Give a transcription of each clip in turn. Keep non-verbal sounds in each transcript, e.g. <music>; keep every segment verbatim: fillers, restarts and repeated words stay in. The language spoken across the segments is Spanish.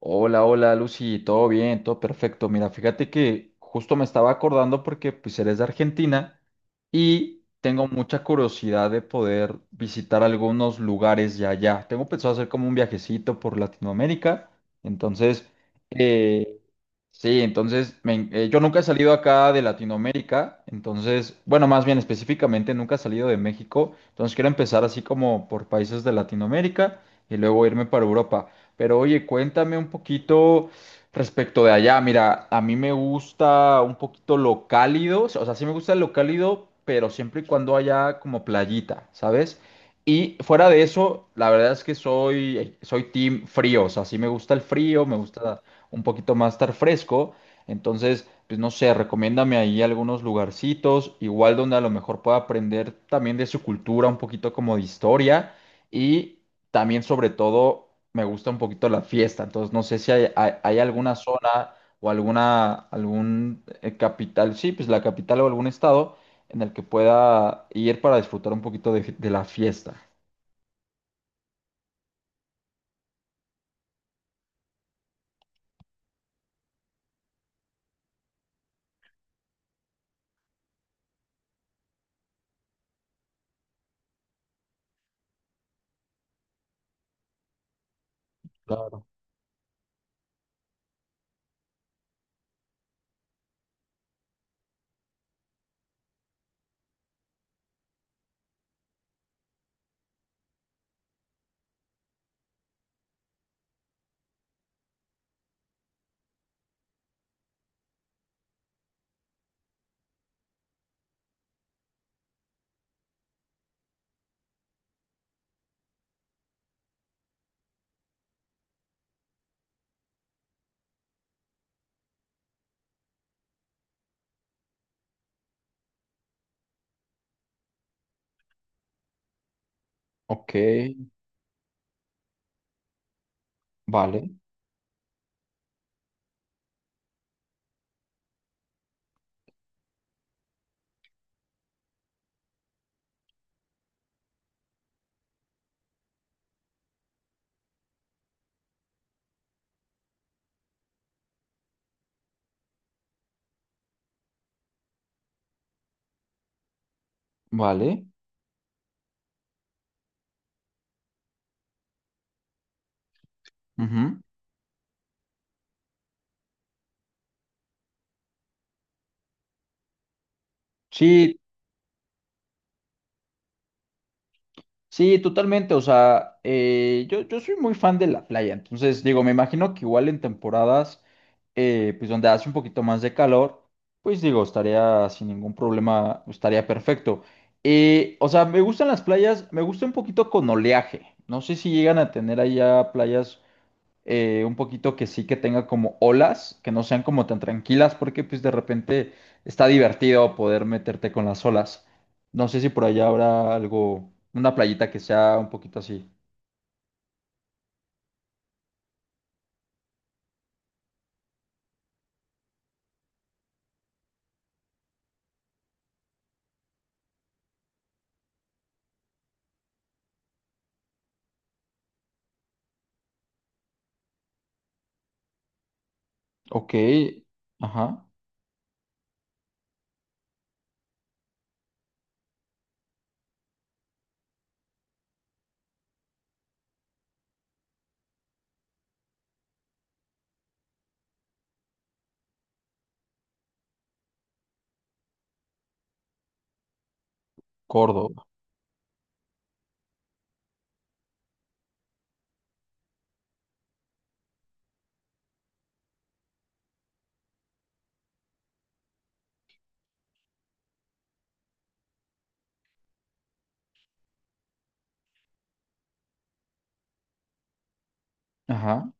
Hola, hola Lucy, todo bien, todo perfecto. Mira, fíjate que justo me estaba acordando porque pues eres de Argentina y tengo mucha curiosidad de poder visitar algunos lugares de allá. Tengo pensado hacer como un viajecito por Latinoamérica. Entonces, eh, sí, entonces me en- eh, yo nunca he salido acá de Latinoamérica. Entonces, bueno, más bien específicamente nunca he salido de México. Entonces quiero empezar así como por países de Latinoamérica y luego irme para Europa. Pero oye, cuéntame un poquito respecto de allá. Mira, a mí me gusta un poquito lo cálido, o sea, sí me gusta lo cálido, pero siempre y cuando haya como playita, ¿sabes? Y fuera de eso, la verdad es que soy, soy team frío, o sea, sí me gusta el frío, me gusta un poquito más estar fresco. Entonces, pues no sé, recomiéndame ahí algunos lugarcitos, igual donde a lo mejor pueda aprender también de su cultura, un poquito como de historia. Y también, sobre todo, me gusta un poquito la fiesta. Entonces, no sé si hay, hay- hay alguna zona o alguna, algún eh, capital, sí, pues la capital o algún estado en el que pueda ir para disfrutar un poquito de, de la fiesta. Claro. Ok, vale, vale. Ujú. Sí, sí, totalmente. O sea, eh, yo, yo soy muy fan de la playa. Entonces, digo, me imagino que igual en temporadas, eh, pues donde hace un poquito más de calor, pues digo, estaría sin ningún problema, estaría perfecto. Eh, o sea, me gustan las playas, me gusta un poquito con oleaje. No sé si llegan a tener allá playas eh, un poquito que sí que tenga como olas, que no sean como tan tranquilas, porque pues de repente está divertido poder meterte con las olas. No sé si por allá habrá algo, una playita que sea un poquito así. Ok, ajá, Córdoba, ajá.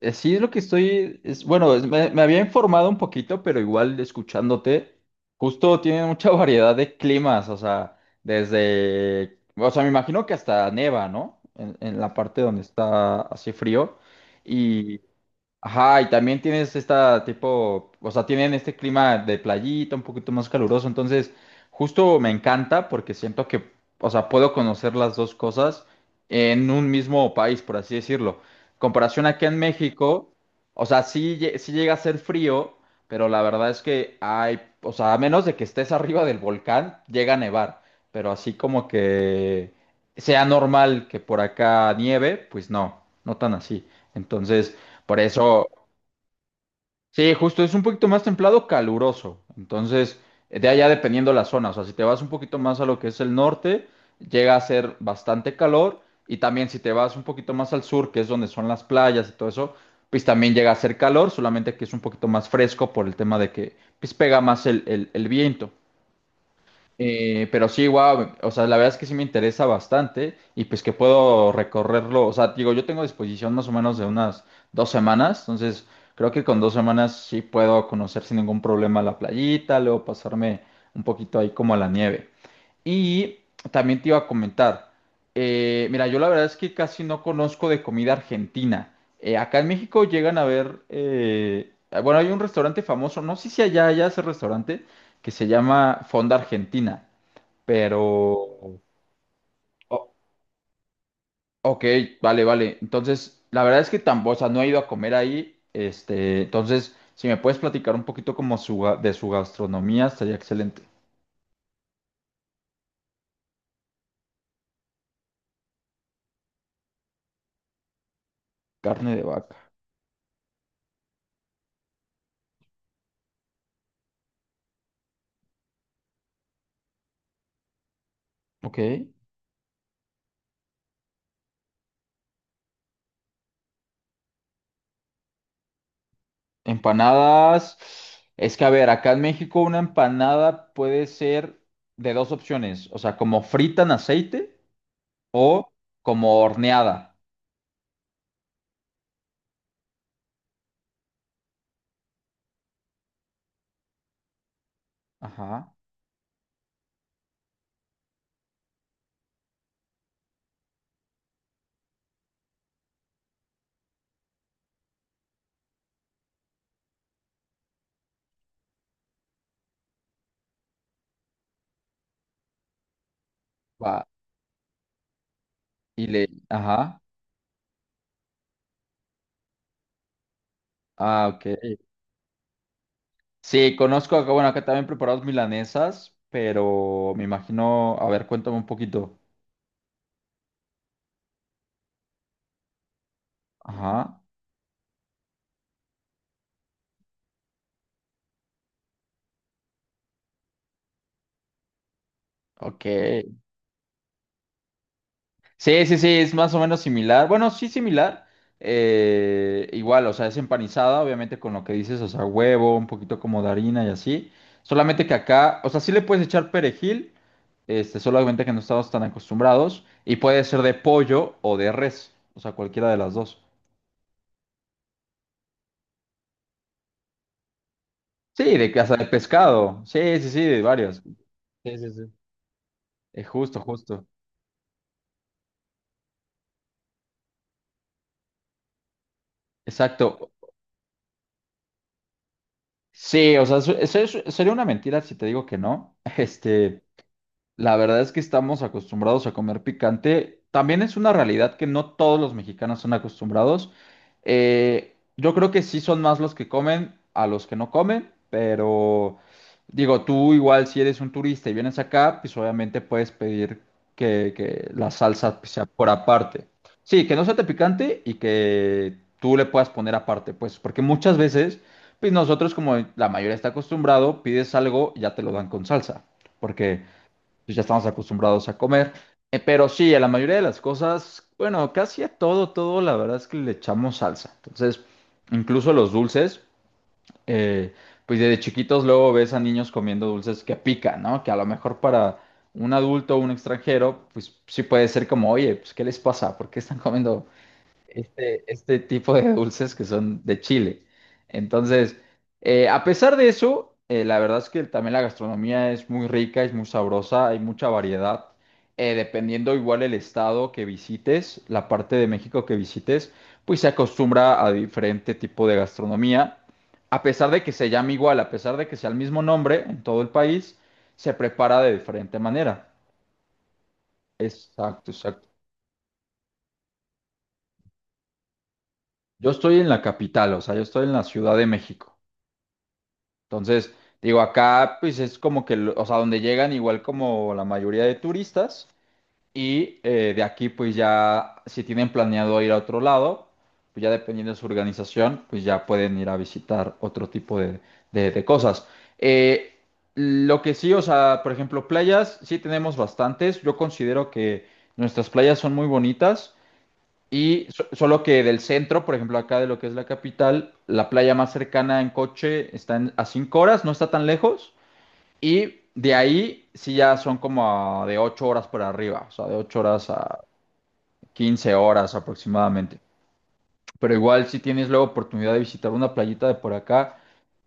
Eh, Sí, es lo que estoy, es, bueno, es- me, me había informado un poquito, pero igual escuchándote, justo tiene mucha <laughs> variedad de climas, o sea, desde, o sea, me imagino que hasta neva, ¿no? En, en la parte donde está así frío. Ajá, y también tienes esta tipo, o sea, tienen este clima de playita, un poquito más caluroso, entonces justo me encanta porque siento que, o sea, puedo conocer las dos cosas en un mismo país, por así decirlo. Comparación aquí en México, o sea, sí, lle- sí llega a ser frío, pero la verdad es que hay, o sea, a menos de que estés <laughs> arriba del volcán, llega a nevar, pero así como que sea normal que por acá nieve, pues no, no tan así. Entonces... Por eso, sí, justo es un poquito más templado, caluroso. Entonces, de allá dependiendo la zona, o sea, si te vas un poquito más a lo que es el norte, llega a ser bastante calor. Y también si te vas un poquito más al sur, que es donde son las playas y todo eso, pues también llega a ser calor, solamente que es un poquito más fresco por el tema de que pues, pega más el, el el viento. Eh, pero sí, wow, o sea, la verdad es que sí me interesa bastante y pues que puedo recorrerlo, o sea, digo, yo tengo disposición más o menos de unas dos semanas, entonces creo que con dos semanas sí puedo conocer sin ningún problema la playita, luego pasarme un poquito ahí como a la nieve. Y también te iba a comentar, eh, mira, yo la verdad es que casi no conozco de comida argentina. Eh, acá en México llegan a ver, eh, bueno, hay un restaurante famoso, no sé si allá, allá ese restaurante que se llama Fonda Argentina. Pero, o- ok, vale, vale. Entonces, la verdad es que tampoco, o sea, no he ido a comer ahí. Este, entonces, si me puedes platicar un poquito como su, ga- de su gastronomía, estaría excelente. Carne de vaca. Ok. Empanadas. Es que, a ver, acá en México una empanada puede ser de dos opciones. O sea, como frita en aceite o como horneada. Ajá. Va. Y le. Ajá. Ah, ok. Sí, conozco acá, bueno, acá también preparados milanesas, pero me imagino, a ver, cuéntame un poquito. Ajá, ok. Sí, sí, sí, es más o menos similar. Bueno, sí, similar. Eh, igual, o sea, es empanizada, obviamente con lo que dices, o sea, huevo, un poquito como de harina y así. Solamente que acá, o sea, sí le puedes echar perejil, este, solamente que no estamos tan acostumbrados, y puede ser de pollo o de res, o sea, cualquiera de las dos. Sí, de casa de pescado. Sí, sí, sí, de varios. Sí, sí, sí. Eh, justo, justo. Exacto. Sí, o sea, su- eso es- sería una mentira si te digo que no. <laughs> Este, la verdad es que estamos acostumbrados a comer picante. También es una realidad que no todos los mexicanos son acostumbrados. Eh, yo creo que sí son más los que comen a los que no comen, pero digo, tú igual si eres un turista y vienes acá, pues obviamente puedes pedir que, que la salsa sea por aparte. Sí, que no sea tan picante y que tú le puedas poner aparte, pues, porque muchas veces, pues nosotros como la mayoría está acostumbrado, pides algo y ya te lo dan con salsa. Porque pues ya estamos acostumbrados a comer. Eh, pero sí, a la mayoría de las cosas, bueno, casi a todo, todo, la verdad es que le echamos salsa. Entonces, incluso los dulces, eh, pues desde chiquitos luego ves a niños comiendo dulces que pican, ¿no? Que a lo mejor para un adulto o un extranjero, pues sí puede ser como, oye, pues ¿qué les pasa? ¿Por qué están comiendo este, este tipo de dulces que son de Chile. Entonces, eh, a pesar de eso, eh, la verdad es que también la gastronomía es muy rica, es muy sabrosa, hay mucha variedad. Eh, dependiendo igual el estado que visites, la parte de México que visites, pues se acostumbra a diferente tipo de gastronomía. A pesar de que se llame igual, a pesar de que sea el mismo nombre en todo el país, se prepara de diferente manera. Exacto, exacto. Yo estoy en la capital, o sea, yo estoy en la Ciudad de México. Entonces, digo, acá pues es como que, lo- o sea, donde llegan igual como la mayoría de turistas y eh, de aquí pues ya, si tienen planeado ir a otro lado, pues ya dependiendo de su organización, pues ya pueden ir a visitar otro tipo de, de- de cosas. Eh, lo que sí, o sea, por ejemplo, playas, sí tenemos bastantes. Yo considero que nuestras playas son muy bonitas. Y so- solo que del centro, por ejemplo, acá de lo que es la capital, la playa más cercana en coche está en- a cinco horas, no está tan lejos. Y de ahí sí ya son como a- de ocho horas para arriba, o sea, de ocho horas a quince horas aproximadamente. Pero igual si tienes la oportunidad de visitar una playita de por acá,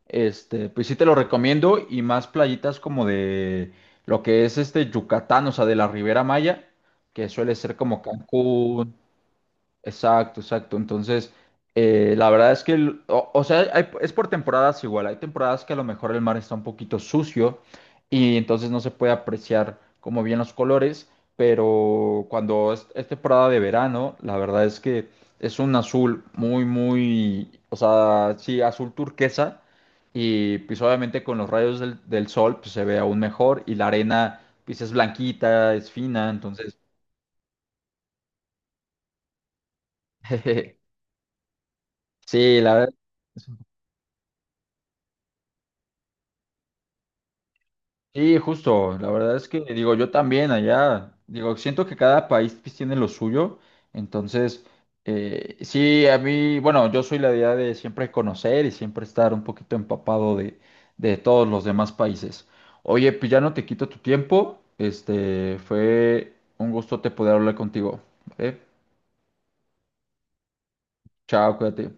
este, pues sí te lo recomiendo y más playitas como de lo que es este Yucatán, o sea, de la Ribera Maya, que suele ser como Cancún. Exacto, exacto. Entonces, eh, la verdad es que, el- o, o sea, hay- es por temporadas igual. Hay temporadas que a lo mejor el mar está un poquito sucio y entonces no se puede apreciar como bien los colores, pero cuando es, es temporada de verano, la verdad es que es un azul muy, muy, o sea, sí, azul turquesa y pues obviamente con los rayos del, del sol pues, se ve aún mejor y la arena pues es blanquita, es fina, entonces, <laughs> sí, la verdad. Sí, justo. La verdad es que digo, yo también allá, digo, siento que cada país pues, tiene lo suyo. Entonces, eh, sí, a mí, bueno, yo soy la idea de siempre conocer y siempre estar un poquito empapado de, de todos los demás países. Oye, pues ya no te quito tu tiempo. Este, fue un gusto te poder hablar contigo. ¿Vale? Chao, cuídate.